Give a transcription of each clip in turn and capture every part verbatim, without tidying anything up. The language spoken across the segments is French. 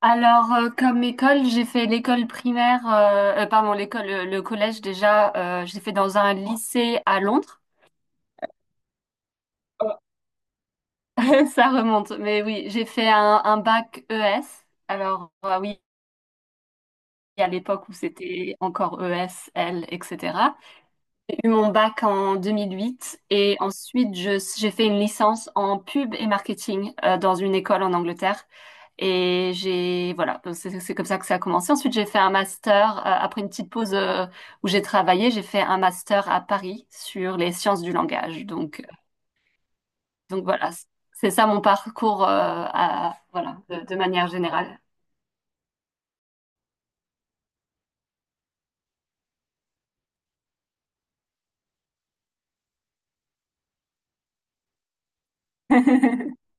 Alors, euh, comme école, j'ai fait l'école primaire, euh, euh, pardon, l'école, euh, le collège déjà, euh, j'ai fait dans un lycée à Londres. Ça remonte, mais oui, j'ai fait un, un bac E S. Alors, euh, oui, à l'époque où c'était encore E S, L, et cetera. J'ai eu mon bac en deux mille huit et ensuite je- j'ai fait une licence en pub et marketing euh, dans une école en Angleterre. Et j'ai, voilà, c'est c'est comme ça que ça a commencé. Ensuite, j'ai fait un master, euh, après une petite pause euh, où j'ai travaillé, j'ai fait un master à Paris sur les sciences du langage. Donc, donc voilà, c'est ça mon parcours, euh, à- voilà, de, de manière générale.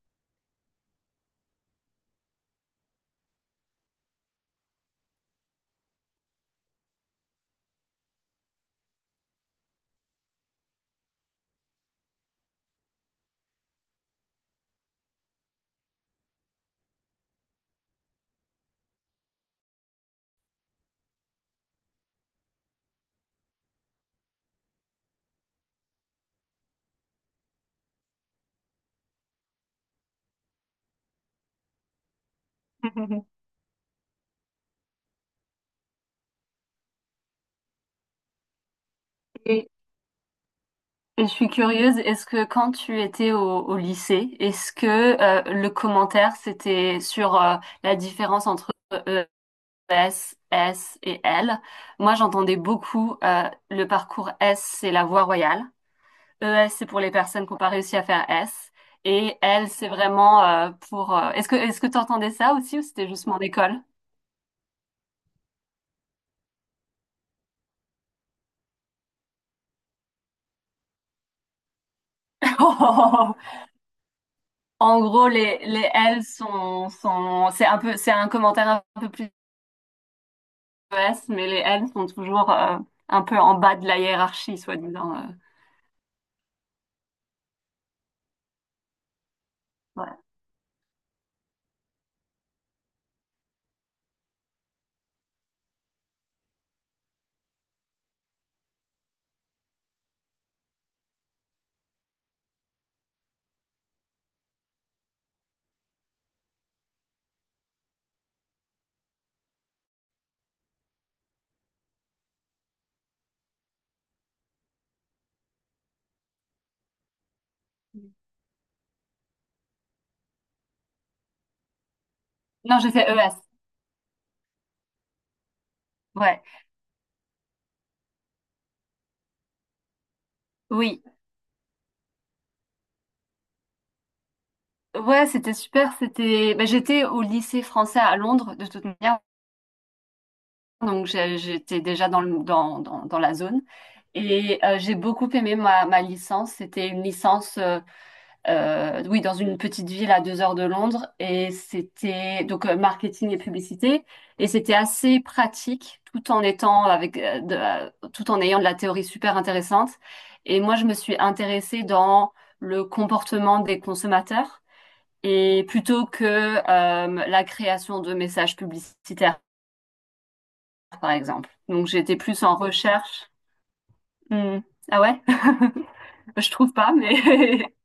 Et Et je suis curieuse, est-ce que quand tu étais au, au lycée, est-ce que euh, le commentaire c'était sur euh, la différence entre euh, E, S, S et L? Moi, j'entendais beaucoup euh, le parcours S, c'est la voie royale. E S, c'est pour les personnes qui n'ont pas réussi à faire S. Et L, c'est vraiment euh, pour... euh, est-ce que est-ce que tu entendais ça aussi ou c'était juste mon école? En gros, les, les L sont, sont, c'est un peu, c'est un commentaire un peu plus E S, mais les N sont toujours euh, un peu en bas de la hiérarchie, soi-disant. euh. Ouais. Non, j'ai fait E S. Ouais. Oui. Ouais, c'était super. C'était. Ben, j'étais au lycée français à Londres, de toute manière. Donc, j'ai- j'étais déjà dans le, dans, dans, dans la zone. Et euh, j'ai beaucoup aimé ma, ma licence. C'était une licence. Euh, euh, oui, dans une petite ville à deux heures de Londres. Et c'était donc euh, marketing et publicité. Et c'était assez pratique, tout en étant avec, euh, de la- tout en ayant de la théorie super intéressante. Et moi, je me suis intéressée dans le comportement des consommateurs et plutôt que euh, la création de messages publicitaires, par exemple. Donc, j'étais plus en recherche. Hmm. Ah ouais? Je trouve pas, mais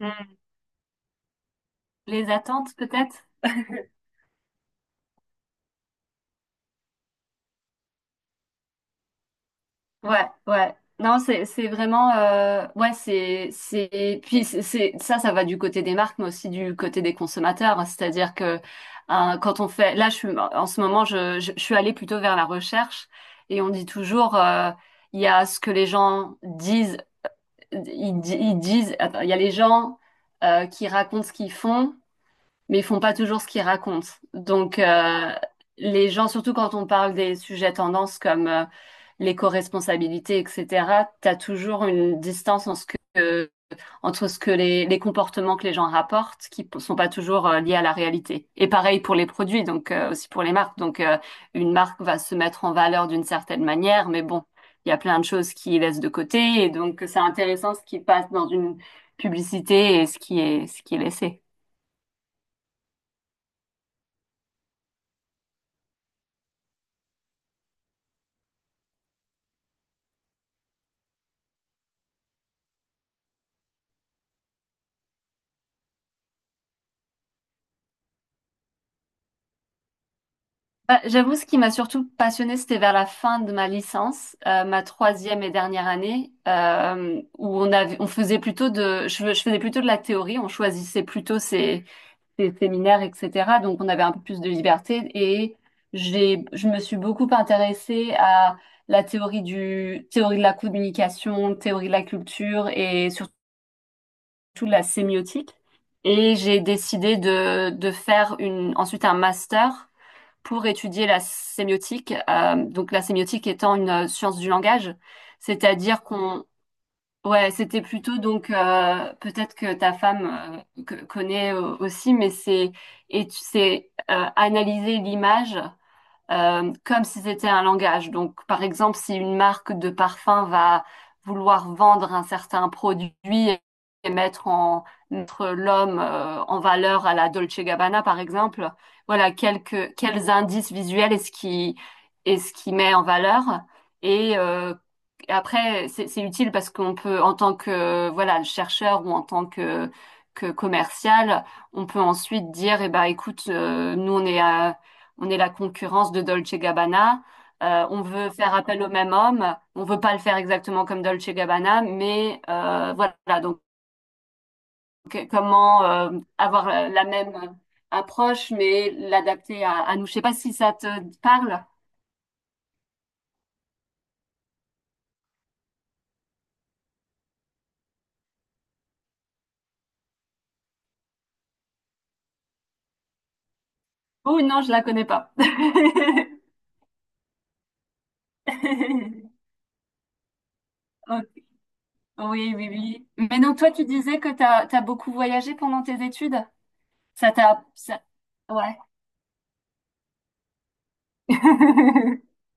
Hmm. Les attentes peut-être. Ouais, ouais. Non, c'est c'est vraiment euh, ouais, c'est c'est puis c'est c'est- ça ça va du côté des marques mais aussi du côté des consommateurs, hein. C'est-à-dire que hein, quand on fait là je suis en ce moment je, je je suis allée plutôt vers la recherche et on dit toujours euh, il y a ce que les gens disent ils, di- ils disent attends, il y a les gens euh, qui racontent ce qu'ils font mais ils font pas toujours ce qu'ils racontent. Donc, euh, les gens, surtout quand on parle des sujets tendances comme euh, l'éco-responsabilité, et cetera, tu as toujours une distance en ce que, euh, entre ce que les, les comportements que les gens rapportent, qui p- sont pas toujours euh, liés à la réalité. Et pareil pour les produits, donc euh, aussi pour les marques. Donc, euh, une marque va se mettre en valeur d'une certaine manière, mais bon, il y a plein de choses qui laissent de côté, et donc c'est intéressant ce qui passe dans une publicité et ce qui est, ce qui est laissé. Bah, j'avoue, ce qui m'a surtout passionnée, c'était vers la fin de ma licence, euh, ma troisième et dernière année, euh, où on avait, on faisait plutôt de, je, je faisais plutôt de la théorie, on choisissait plutôt ses, ses séminaires, et cetera. Donc, on avait un peu plus de liberté et j'ai, je me suis beaucoup intéressée à la théorie du, théorie de la communication, théorie de la culture et surtout tout de la sémiotique. Et j'ai décidé de, de faire une, ensuite un master pour étudier la sémiotique. Euh, donc la sémiotique étant une euh, science du langage, c'est-à-dire qu'on, ouais, c'était plutôt donc euh, peut-être que ta femme euh, que- connaît euh, aussi, mais c'est et c'est euh, analyser l'image euh, comme si c'était un langage. Donc, par exemple, si une marque de parfum va vouloir vendre un certain produit et mettre en mettre l'homme euh, en valeur à la Dolce Gabbana, par exemple, voilà quelques quels indices visuels est-ce qui est-ce qui met en valeur et euh, et après, c'est c'est utile parce qu'on peut, en tant que voilà, le chercheur ou en tant que, que commercial, on peut ensuite dire, eh ben, écoute, euh, nous on est à on est la concurrence de Dolce Gabbana. Euh, on veut faire appel au même homme. On veut pas le faire exactement comme Dolce Gabbana, mais euh, voilà. Donc que- comment euh, avoir la la même approche, mais l'adapter à, à nous. Je sais pas si ça te parle. Oh non, je la connais pas. Ok. Oui, oui, oui. Mais donc toi, tu disais que t'as, t'as beaucoup voyagé pendant tes études? Ça t'a... ça- Ouais.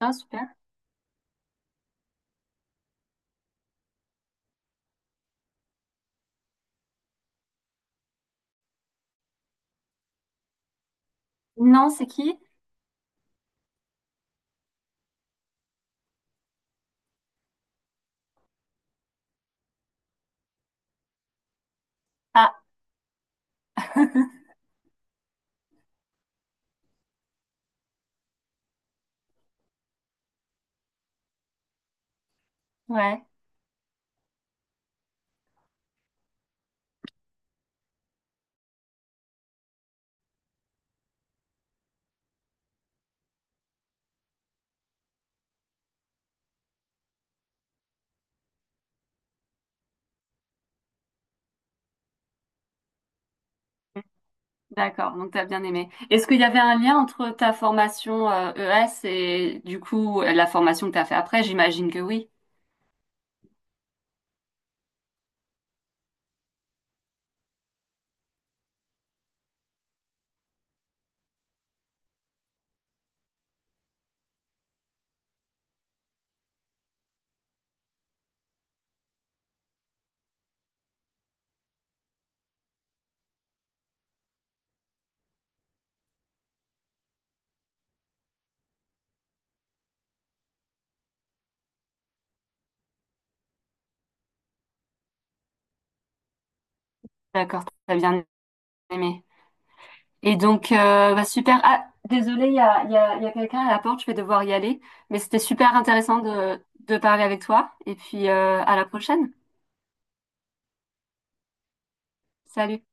Ah, super. Non, c'est qui? Ah, ouais. D'accord, donc tu as bien aimé. Est-ce qu'il y avait un lien entre ta formation euh, E S et du coup la formation que tu as fait après? J'imagine que oui. D'accord, t'as bien aimé. Et donc euh, bah, super. Ah, désolée, il y a, il y a, il y a quelqu'un à la porte, je vais devoir y aller. Mais c'était super intéressant de, de parler avec toi. Et puis euh, à la prochaine. Salut.